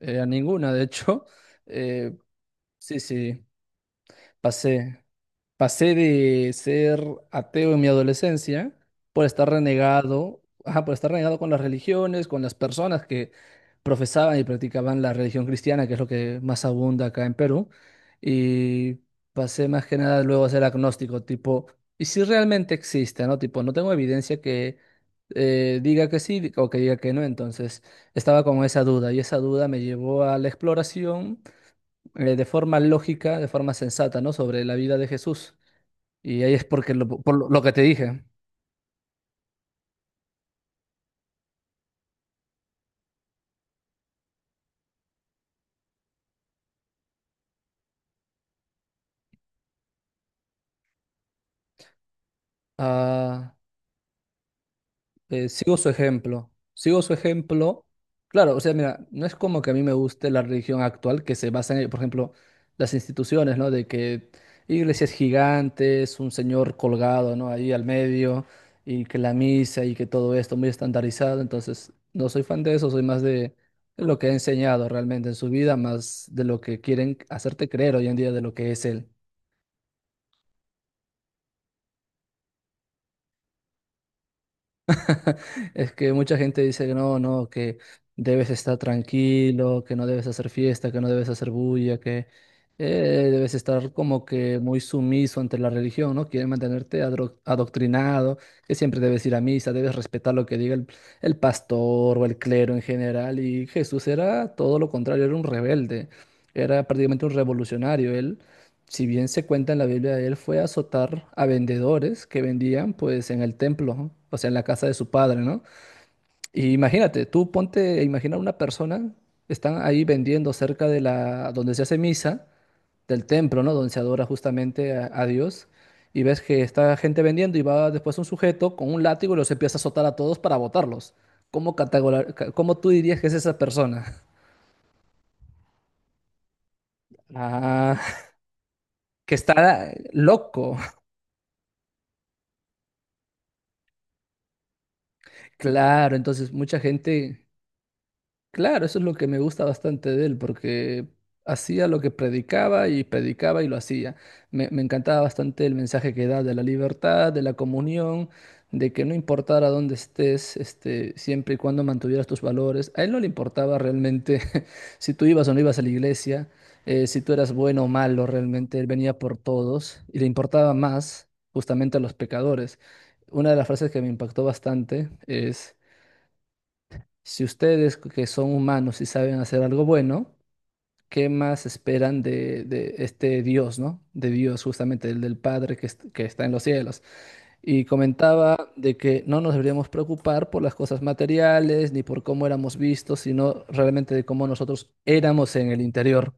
A ninguna, de hecho. Eh, sí, sí, pasé. Pasé de ser ateo en mi adolescencia por estar renegado, ajá, por estar renegado con las religiones, con las personas que profesaban y practicaban la religión cristiana, que es lo que más abunda acá en Perú. Y pasé más que nada luego a ser agnóstico, tipo, ¿y si realmente existe, no? Tipo, no tengo evidencia que diga que sí o que diga que no. Entonces, estaba con esa duda y esa duda me llevó a la exploración de forma lógica, de forma sensata, ¿no? Sobre la vida de Jesús. Y ahí es porque lo, por lo que te dije, ah, sigo su ejemplo, sigo su ejemplo. Claro, o sea, mira, no es como que a mí me guste la religión actual que se basa en, por ejemplo, las instituciones, ¿no? De que iglesias gigantes, un señor colgado, ¿no? Ahí al medio, y que la misa y que todo esto muy estandarizado. Entonces, no soy fan de eso, soy más de lo que he enseñado realmente en su vida, más de lo que quieren hacerte creer hoy en día de lo que es él. Es que mucha gente dice que no, no, que debes estar tranquilo, que no debes hacer fiesta, que no debes hacer bulla, que debes estar como que muy sumiso ante la religión, ¿no? Quieren mantenerte adoctrinado, que siempre debes ir a misa, debes respetar lo que diga el pastor o el clero en general. Y Jesús era todo lo contrario, era un rebelde, era prácticamente un revolucionario. Él, si bien se cuenta en la Biblia, él fue a azotar a vendedores que vendían pues en el templo, ¿no? O sea, en la casa de su padre, ¿no? Y imagínate, tú ponte a imaginar una persona, están ahí vendiendo cerca de la, donde se hace misa, del templo, ¿no? Donde se adora justamente a Dios, y ves que está gente vendiendo y va después un sujeto con un látigo y los empieza a azotar a todos para botarlos. Cómo tú dirías que es esa persona? Ah, que está loco. Claro, entonces mucha gente. Claro, eso es lo que me gusta bastante de él, porque hacía lo que predicaba y predicaba y lo hacía. Me encantaba bastante el mensaje que da de la libertad, de la comunión, de que no importara dónde estés, este, siempre y cuando mantuvieras tus valores. A él no le importaba realmente si tú ibas o no ibas a la iglesia, si tú eras bueno o malo, realmente él venía por todos y le importaba más justamente a los pecadores. Una de las frases que me impactó bastante es... Si ustedes que son humanos y saben hacer algo bueno, ¿qué más esperan de este Dios, ¿no? De Dios, justamente, el del Padre que está en los cielos. Y comentaba de que no nos deberíamos preocupar por las cosas materiales ni por cómo éramos vistos, sino realmente de cómo nosotros éramos en el interior.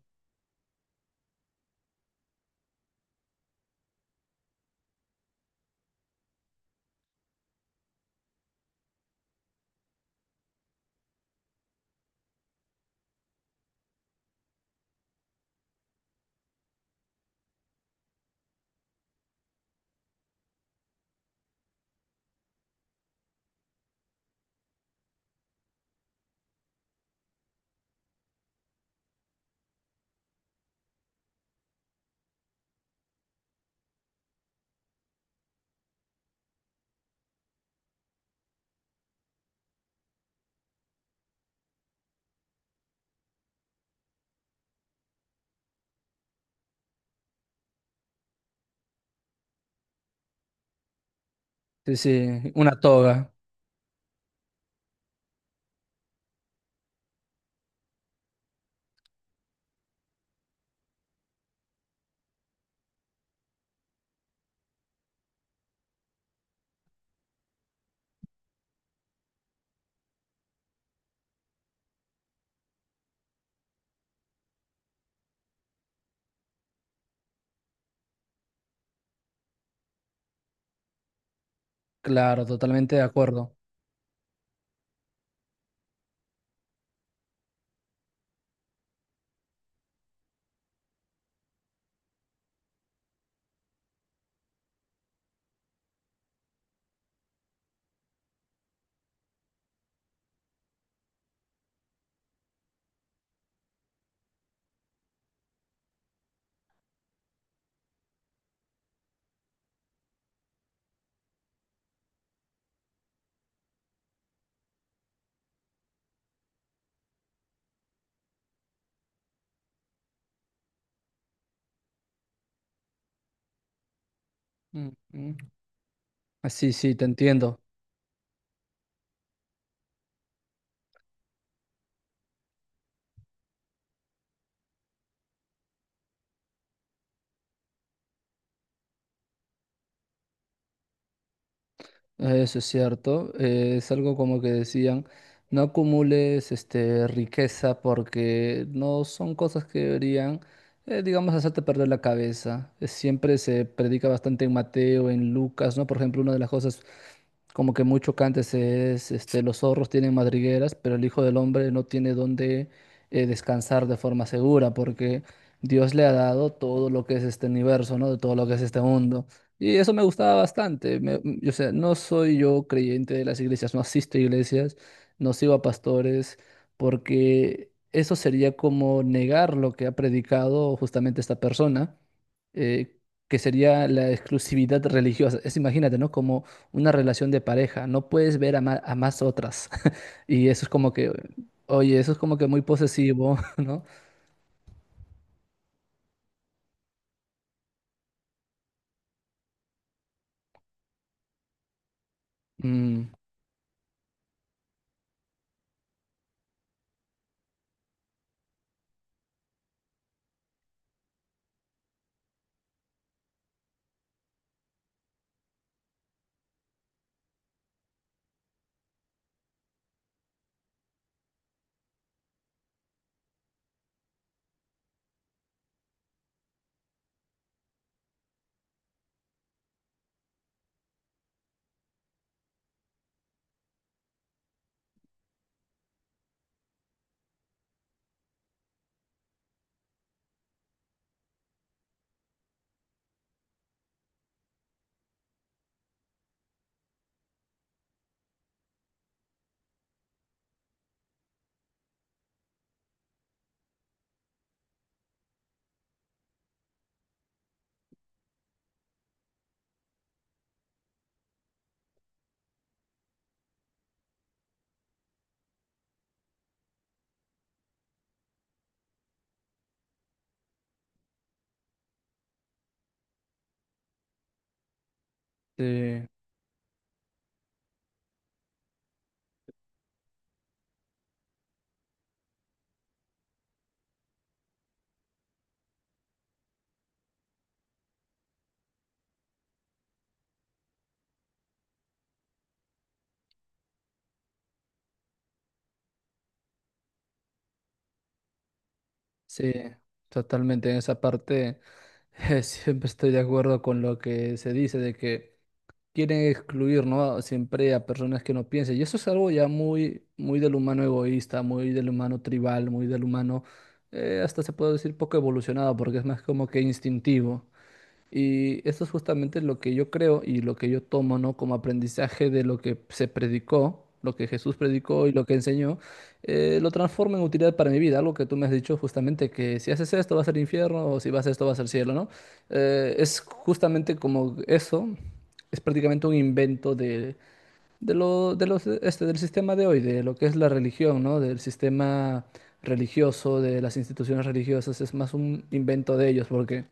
Sí, sí, una toga. Claro, totalmente de acuerdo. Mm, mm. Ah, sí, sí, te entiendo. Eso es cierto, es algo como que decían, no acumules este, riqueza porque no son cosas que deberían, digamos, hacerte perder la cabeza. Siempre se predica bastante en Mateo, en Lucas, ¿no? Por ejemplo, una de las cosas como que muy chocantes es, este, los zorros tienen madrigueras, pero el Hijo del Hombre no tiene dónde descansar de forma segura porque Dios le ha dado todo lo que es este universo, ¿no? De todo lo que es este mundo. Y eso me gustaba bastante. O sea, no soy yo creyente de las iglesias, no asisto a iglesias, no sigo a pastores, porque eso sería como negar lo que ha predicado justamente esta persona, eh, que sería la exclusividad religiosa. Es, imagínate, ¿no? Como una relación de pareja, no puedes ver a más otras. Y eso es como que, oye, eso es como que muy posesivo, ¿no? Mm, sí. Sí, totalmente. En esa parte siempre estoy de acuerdo con lo que se dice de que quieren excluir, ¿no? Siempre a personas que no piensen. Y eso es algo ya muy, muy del humano egoísta, muy del humano tribal, muy del humano, hasta se puede decir poco evolucionado, porque es más como que instintivo. Y eso es justamente lo que yo creo y lo que yo tomo, ¿no? Como aprendizaje de lo que se predicó, lo que Jesús predicó y lo que enseñó, lo transformo en utilidad para mi vida. Algo que tú me has dicho justamente que si haces esto vas al infierno o si vas a esto vas al cielo, ¿no? Es justamente como eso, es prácticamente un invento de este, del sistema de hoy, de lo que es la religión, ¿no? Del sistema religioso, de las instituciones religiosas, es más un invento de ellos porque...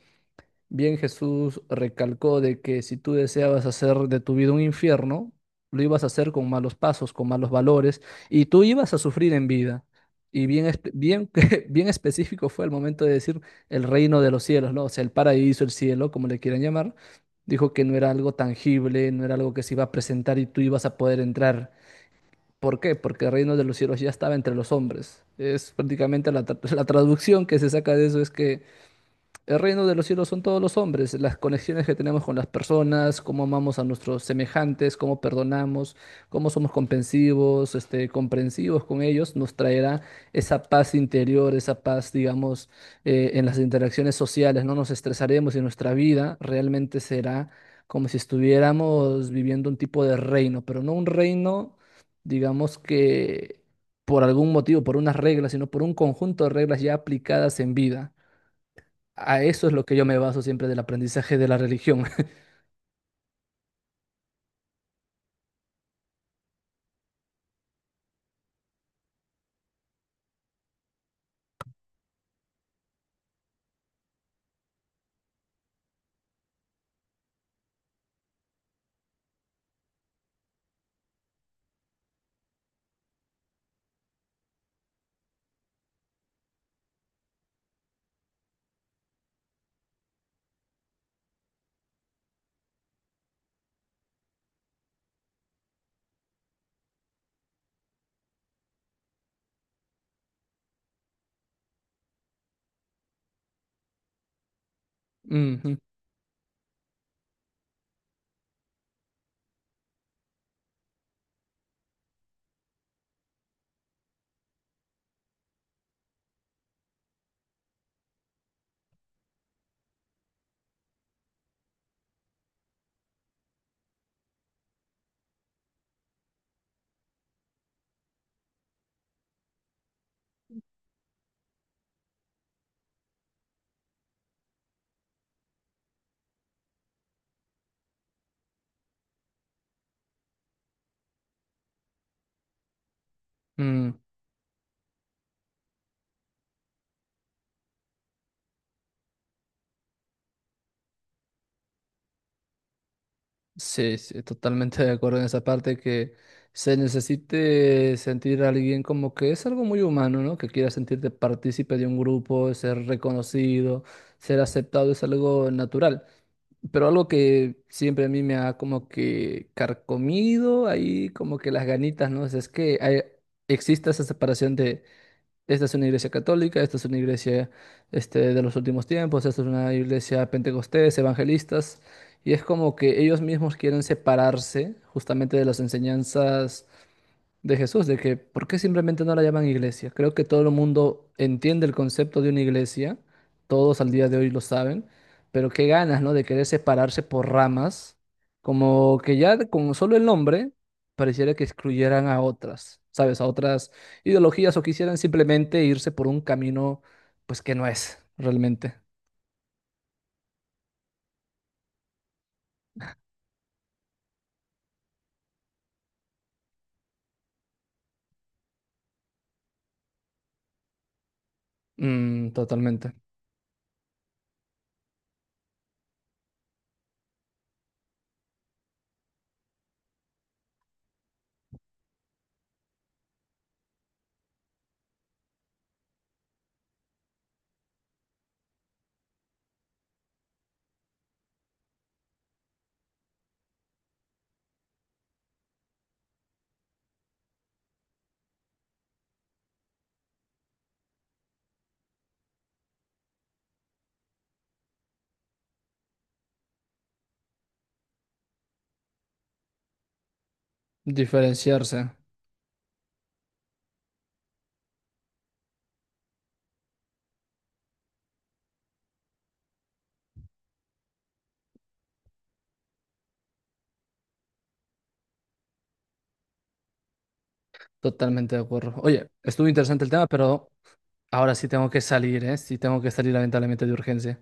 Bien, Jesús recalcó de que si tú deseabas hacer de tu vida un infierno, lo ibas a hacer con malos pasos, con malos valores, y tú ibas a sufrir en vida. Y bien, bien, bien específico fue el momento de decir el reino de los cielos, ¿no? O sea, el paraíso, el cielo, como le quieran llamar. Dijo que no era algo tangible, no era algo que se iba a presentar y tú ibas a poder entrar. ¿Por qué? Porque el reino de los cielos ya estaba entre los hombres. Es prácticamente la traducción que se saca de eso es que el reino de los cielos son todos los hombres, las conexiones que tenemos con las personas, cómo amamos a nuestros semejantes, cómo perdonamos, cómo somos comprensivos, este, comprensivos con ellos, nos traerá esa paz interior, esa paz, digamos, en las interacciones sociales, no nos estresaremos y nuestra vida realmente será como si estuviéramos viviendo un tipo de reino, pero no un reino, digamos que por algún motivo, por unas reglas, sino por un conjunto de reglas ya aplicadas en vida. A eso es lo que yo me baso siempre del aprendizaje de la religión. Ujú, mm. Sí, sí, totalmente de acuerdo en esa parte que se necesite sentir a alguien como que es algo muy humano, ¿no? Que quiera sentirte partícipe de un grupo, ser reconocido, ser aceptado es algo natural. Pero algo que siempre a mí me ha como que carcomido ahí como que las ganitas, ¿no? O sea, es que exista esa separación de. Esta es una iglesia católica, esta es una iglesia este, de los últimos tiempos, esta es una iglesia pentecostés, evangelistas, y es como que ellos mismos quieren separarse justamente de las enseñanzas de Jesús, de que ¿por qué simplemente no la llaman iglesia? Creo que todo el mundo entiende el concepto de una iglesia, todos al día de hoy lo saben, pero qué ganas, ¿no? De querer separarse por ramas, como que ya con solo el nombre pareciera que excluyeran a otras, ¿sabes? A otras ideologías o quisieran simplemente irse por un camino, pues que no es realmente. Mm, totalmente. Diferenciarse. Totalmente de acuerdo. Oye, estuvo interesante el tema, pero ahora sí tengo que salir, ¿eh? Sí tengo que salir lamentablemente de urgencia.